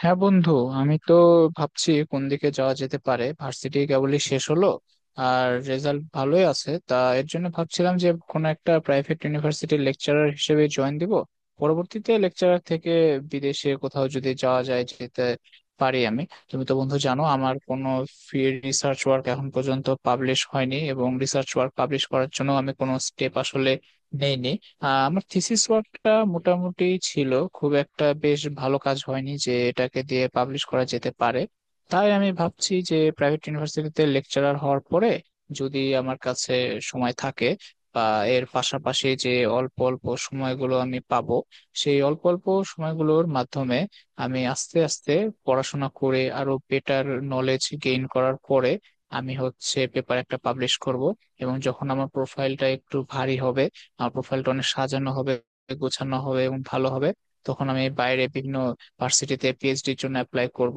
হ্যাঁ, বন্ধু। আমি তো ভাবছি কোন দিকে যাওয়া যেতে পারে। ভার্সিটি কেবলই শেষ হলো আর রেজাল্ট ভালোই আছে, তা এর জন্য ভাবছিলাম যে কোনো একটা প্রাইভেট ইউনিভার্সিটির লেকচারার হিসেবে জয়েন দিব। পরবর্তীতে লেকচারার থেকে বিদেশে কোথাও যদি যাওয়া যায়, যেতে পারি আমি। তুমি তো বন্ধু জানো, আমার কোনো ফ্রি রিসার্চ ওয়ার্ক এখন পর্যন্ত পাবলিশ হয়নি, এবং রিসার্চ ওয়ার্ক পাবলিশ করার জন্য আমি কোনো স্টেপ আসলে নেইনি। আমার থিসিস ওয়ার্কটা মোটামুটি ছিল, খুব একটা বেশ ভালো কাজ হয়নি যে এটাকে দিয়ে পাবলিশ করা যেতে পারে। তাই আমি ভাবছি যে প্রাইভেট ইউনিভার্সিটিতে লেকচারার হওয়ার পরে যদি আমার কাছে সময় থাকে, বা এর পাশাপাশি যে অল্প অল্প সময়গুলো আমি পাবো, সেই অল্প অল্প সময়গুলোর মাধ্যমে আমি আস্তে আস্তে পড়াশোনা করে আরো বেটার নলেজ গেইন করার পরে আমি হচ্ছে পেপার একটা পাবলিশ করব। এবং যখন আমার প্রোফাইলটা একটু ভারী হবে, প্রোফাইলটা অনেক সাজানো হবে, গোছানো হবে এবং ভালো হবে, তখন আমি বাইরে বিভিন্ন ভার্সিটিতে পিএইচডির জন্য অ্যাপ্লাই করব।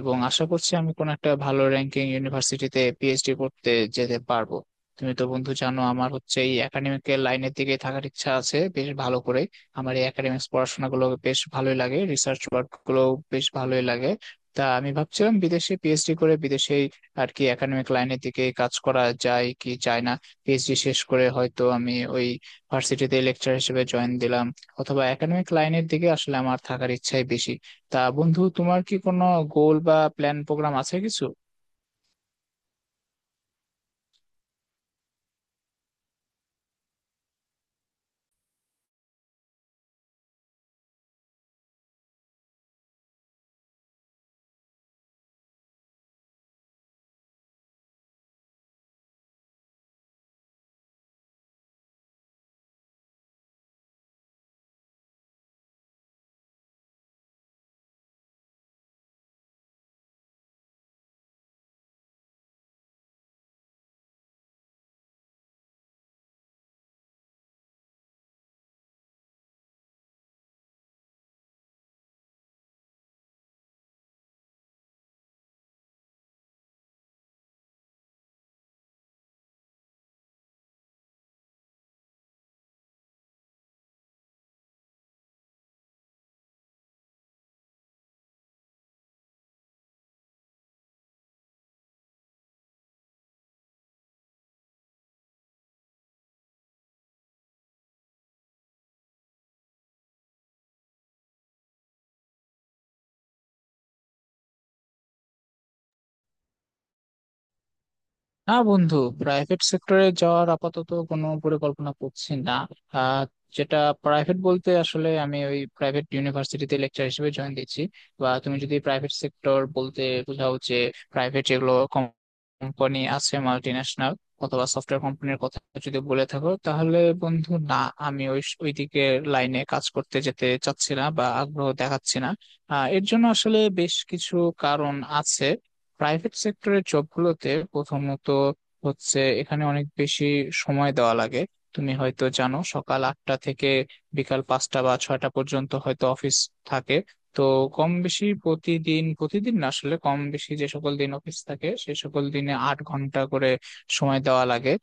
এবং আশা করছি আমি কোনো একটা ভালো র্যাঙ্কিং ইউনিভার্সিটিতে পিএইচডি করতে যেতে পারবো। তুমি তো বন্ধু জানো, আমার হচ্ছে এই একাডেমিক লাইনের দিকে থাকার ইচ্ছা আছে বেশ ভালো করে। আমার এই একাডেমিক্স পড়াশোনা গুলো বেশ ভালোই লাগে, রিসার্চ ওয়ার্ক গুলো বেশ ভালোই লাগে। তা আমি ভাবছিলাম, বিদেশে পিএইচডি করে বিদেশে আর কি একাডেমিক লাইনের দিকে কাজ করা যায় কি যায় না। পিএইচডি শেষ করে হয়তো আমি ওই ভার্সিটিতে লেকচার হিসেবে জয়েন দিলাম, অথবা একাডেমিক লাইনের দিকে আসলে আমার থাকার ইচ্ছাই বেশি। তা বন্ধু, তোমার কি কোনো গোল বা প্ল্যান প্রোগ্রাম আছে কিছু? না বন্ধু, প্রাইভেট সেক্টরে যাওয়ার আপাতত কোনো পরিকল্পনা করছি না। আহ, যেটা প্রাইভেট বলতে আসলে আমি ওই প্রাইভেট ইউনিভার্সিটিতে লেকচার হিসেবে জয়েন দিচ্ছি। বা তুমি যদি প্রাইভেট সেক্টর বলতে বোঝাও যে প্রাইভেট যেগুলো কোম্পানি আছে, মাল্টি ন্যাশনাল অথবা সফটওয়্যার কোম্পানির কথা যদি বলে থাকো, তাহলে বন্ধু না, আমি ওই ওই দিকে লাইনে কাজ করতে যেতে চাচ্ছি না বা আগ্রহ দেখাচ্ছি না। এর জন্য আসলে বেশ কিছু কারণ আছে। প্রাইভেট সেক্টরের জবগুলোতে প্রথমত হচ্ছে এখানে অনেক বেশি সময় দেওয়া লাগে। তুমি হয়তো জানো, সকাল 8টা থেকে বিকাল 5টা বা 6টা পর্যন্ত হয়তো অফিস থাকে। তো কম বেশি প্রতিদিন, প্রতিদিন না আসলে কম বেশি যে সকল দিন অফিস থাকে সে সকল দিনে 8 ঘন্টা করে সময় দেওয়া লাগে।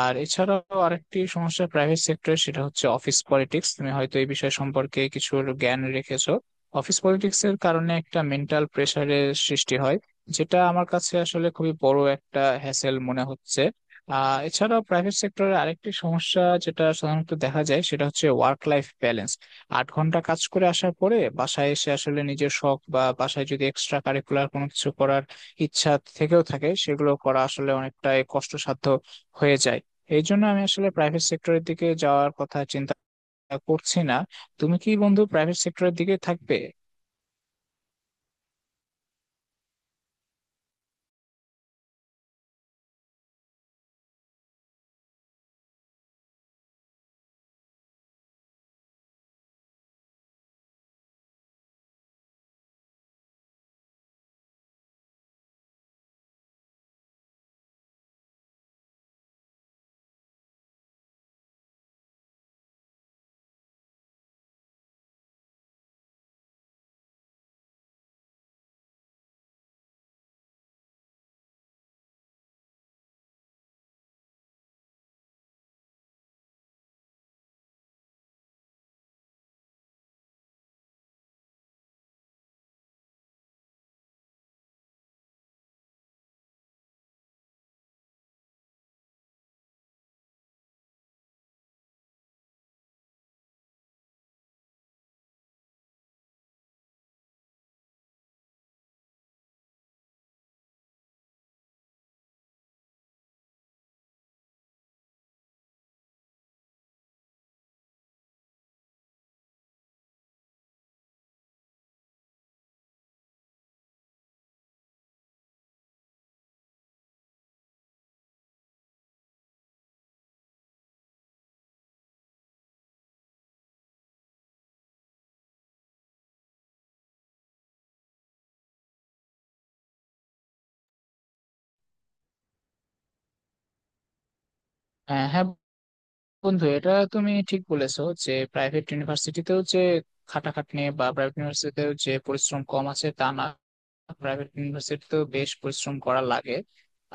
আর এছাড়াও আরেকটি সমস্যা প্রাইভেট সেক্টরে সেটা হচ্ছে অফিস পলিটিক্স। তুমি হয়তো এই বিষয় সম্পর্কে কিছু জ্ঞান রেখেছো। অফিস পলিটিক্স এর কারণে একটা মেন্টাল প্রেশারের সৃষ্টি হয়, যেটা আমার কাছে আসলে খুবই বড় একটা হ্যাসেল মনে হচ্ছে। আহ, এছাড়াও প্রাইভেট সেক্টরে আরেকটি সমস্যা যেটা সাধারণত দেখা যায় সেটা হচ্ছে ওয়ার্ক লাইফ ব্যালেন্স। 8 ঘন্টা কাজ করে আসার পরে বাসায় এসে আসলে নিজের শখ বা বাসায় যদি এক্সট্রা কারিকুলার কোনো কিছু করার ইচ্ছা থেকেও থাকে, সেগুলো করা আসলে অনেকটাই কষ্টসাধ্য হয়ে যায়। এই জন্য আমি আসলে প্রাইভেট সেক্টরের দিকে যাওয়ার কথা চিন্তা করছি না। তুমি কি বন্ধু প্রাইভেট সেক্টরের দিকে থাকবে? হ্যাঁ বন্ধু, এটা তুমি ঠিক বলেছো যে প্রাইভেট ইউনিভার্সিটিতেও যে খাটাখাটনি বা প্রাইভেট ইউনিভার্সিটিতেও যে পরিশ্রম কম আছে তা না, প্রাইভেট ইউনিভার্সিটিতেও বেশ পরিশ্রম করা লাগে।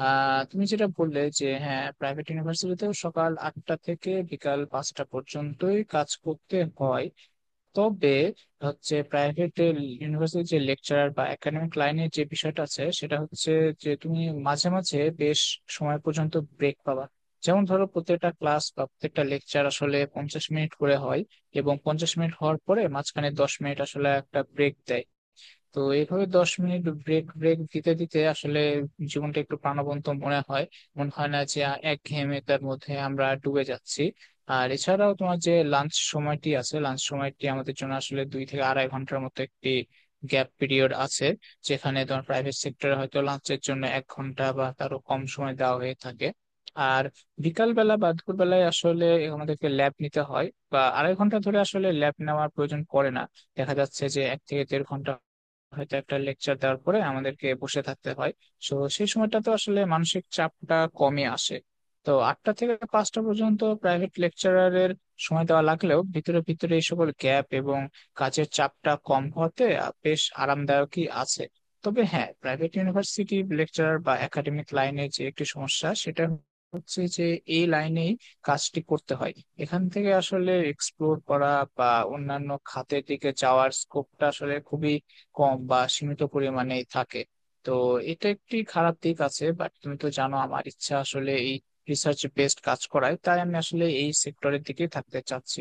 আহ, তুমি যেটা বললে যে হ্যাঁ, প্রাইভেট ইউনিভার্সিটিতেও সকাল 8টা থেকে বিকাল পাঁচটা পর্যন্তই কাজ করতে হয়। তবে হচ্ছে প্রাইভেট ইউনিভার্সিটির যে লেকচারার বা একাডেমিক লাইনের যে বিষয়টা আছে সেটা হচ্ছে যে তুমি মাঝে মাঝে বেশ সময় পর্যন্ত ব্রেক পাবা। যেমন ধরো, প্রত্যেকটা ক্লাস বা প্রত্যেকটা লেকচার আসলে 50 মিনিট করে হয়, এবং 50 মিনিট হওয়ার পরে মাঝখানে 10 মিনিট আসলে একটা ব্রেক দেয়। তো এইভাবে 10 মিনিট ব্রেক ব্রেক দিতে দিতে আসলে জীবনটা একটু প্রাণবন্ত মনে হয়। মনে হয় না যে একঘেয়েমিতার মধ্যে আমরা ডুবে যাচ্ছি। আর এছাড়াও তোমার যে লাঞ্চ সময়টি আছে, লাঞ্চ সময়টি আমাদের জন্য আসলে 2 থেকে আড়াই ঘন্টার মতো একটি গ্যাপ পিরিয়ড আছে, যেখানে তোমার প্রাইভেট সেক্টরে হয়তো লাঞ্চের জন্য 1 ঘন্টা বা তারও কম সময় দেওয়া হয়ে থাকে। আর বিকাল বেলা বা দুপুর বেলায় আসলে আমাদেরকে ল্যাব নিতে হয়, বা আড়াই ঘন্টা ধরে আসলে ল্যাব নেওয়ার প্রয়োজন পড়ে না। দেখা যাচ্ছে যে এক থেকে দেড় ঘন্টা হয়তো একটা লেকচার দেওয়ার পরে আমাদেরকে বসে থাকতে হয়। তো সেই সময়টা তো আসলে মানসিক চাপটা কমে আসে। তো 8টা থেকে 5টা পর্যন্ত প্রাইভেট লেকচারারের সময় দেওয়া লাগলেও, ভিতরে ভিতরে এই সকল গ্যাপ এবং কাজের চাপটা কম হতে বেশ আরামদায়কই আছে। তবে হ্যাঁ, প্রাইভেট ইউনিভার্সিটি লেকচারার বা একাডেমিক লাইনে যে একটি সমস্যা, সেটা হচ্ছে যে এই লাইনেই কাজটি করতে হয়। এখান থেকে আসলে এক্সপ্লোর করা বা অন্যান্য খাতের দিকে যাওয়ার স্কোপটা আসলে খুবই কম বা সীমিত পরিমাণেই থাকে। তো এটা একটি খারাপ দিক আছে, বাট তুমি তো জানো আমার ইচ্ছা আসলে এই রিসার্চ বেসড কাজ করায়, তাই আমি আসলে এই সেক্টরের দিকে থাকতে চাচ্ছি।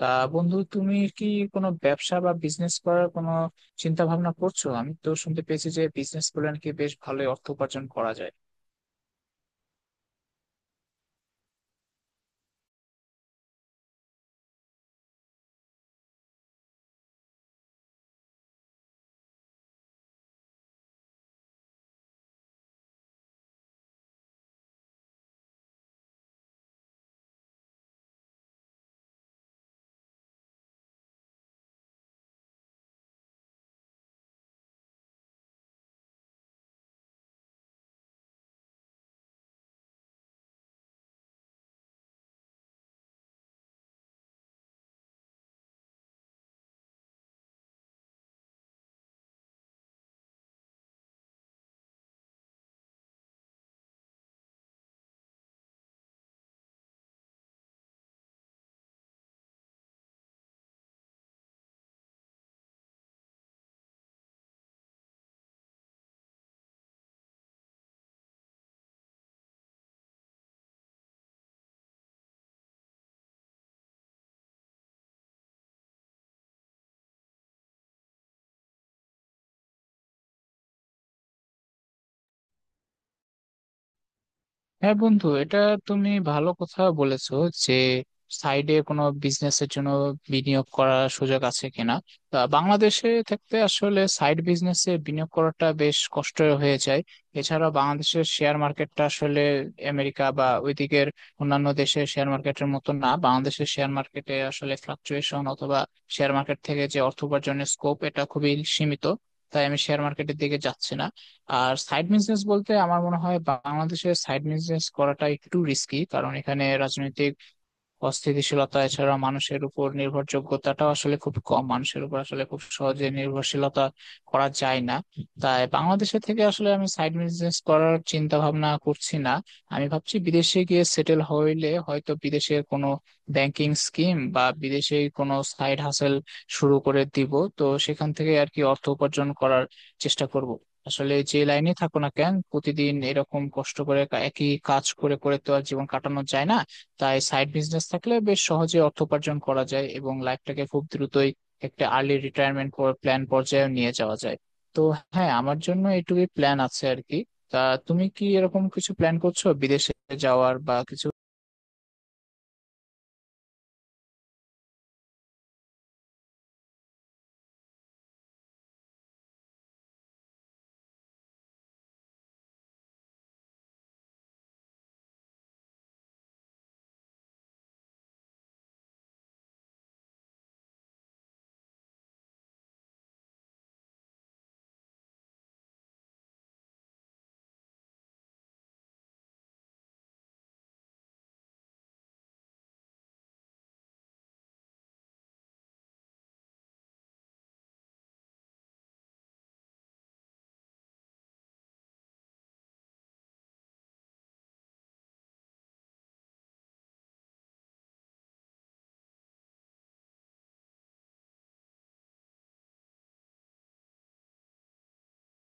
তা বন্ধু, তুমি কি কোনো ব্যবসা বা বিজনেস করার কোনো চিন্তা ভাবনা করছো? আমি তো শুনতে পেয়েছি যে বিজনেস করলে নাকি বেশ ভালোই অর্থ উপার্জন করা যায়। হ্যাঁ বন্ধু, এটা তুমি ভালো কথা বলেছো যে সাইডে কোনো বিজনেসের জন্য বিনিয়োগ করার সুযোগ আছে কিনা। তা বাংলাদেশে থাকতে আসলে সাইড বিজনেসে বিনিয়োগ করাটা বেশ কষ্ট হয়ে যায়। এছাড়া বাংলাদেশের শেয়ার মার্কেটটা আসলে আমেরিকা বা ওইদিকের অন্যান্য দেশের শেয়ার মার্কেটের মতো না। বাংলাদেশের শেয়ার মার্কেটে আসলে ফ্লাকচুয়েশন অথবা শেয়ার মার্কেট থেকে যে অর্থ উপার্জনের স্কোপ, এটা খুবই সীমিত। তাই আমি শেয়ার মার্কেটের দিকে যাচ্ছি না। আর সাইড বিজনেস বলতে আমার মনে হয় বাংলাদেশে সাইড বিজনেস করাটা একটু রিস্কি, কারণ এখানে রাজনৈতিক অস্থিতিশীলতা। এছাড়া মানুষের উপর নির্ভরযোগ্যতাটাও আসলে খুব কম, মানুষের উপর আসলে খুব সহজে নির্ভরশীলতা করা যায় না। তাই বাংলাদেশে থেকে আসলে আমি সাইড বিজনেস করার চিন্তা ভাবনা করছি না। আমি ভাবছি বিদেশে গিয়ে সেটেল হইলে হয়তো বিদেশের কোনো ব্যাংকিং স্কিম বা বিদেশে কোনো সাইড হাসেল শুরু করে দিব। তো সেখান থেকে আর কি অর্থ উপার্জন করার চেষ্টা করব। আসলে যে লাইনে থাকো না কেন, প্রতিদিন এরকম কষ্ট করে একই কাজ করে করে তো আর জীবন কাটানো যায় না। তাই সাইড বিজনেস থাকলে বেশ সহজে অর্থ উপার্জন করা যায় এবং লাইফটাকে খুব দ্রুতই একটা আর্লি রিটায়ারমেন্ট প্ল্যান পর্যায়ে নিয়ে যাওয়া যায়। তো হ্যাঁ, আমার জন্য এটুকুই প্ল্যান আছে আর কি। তা তুমি কি এরকম কিছু প্ল্যান করছো বিদেশে যাওয়ার বা কিছু?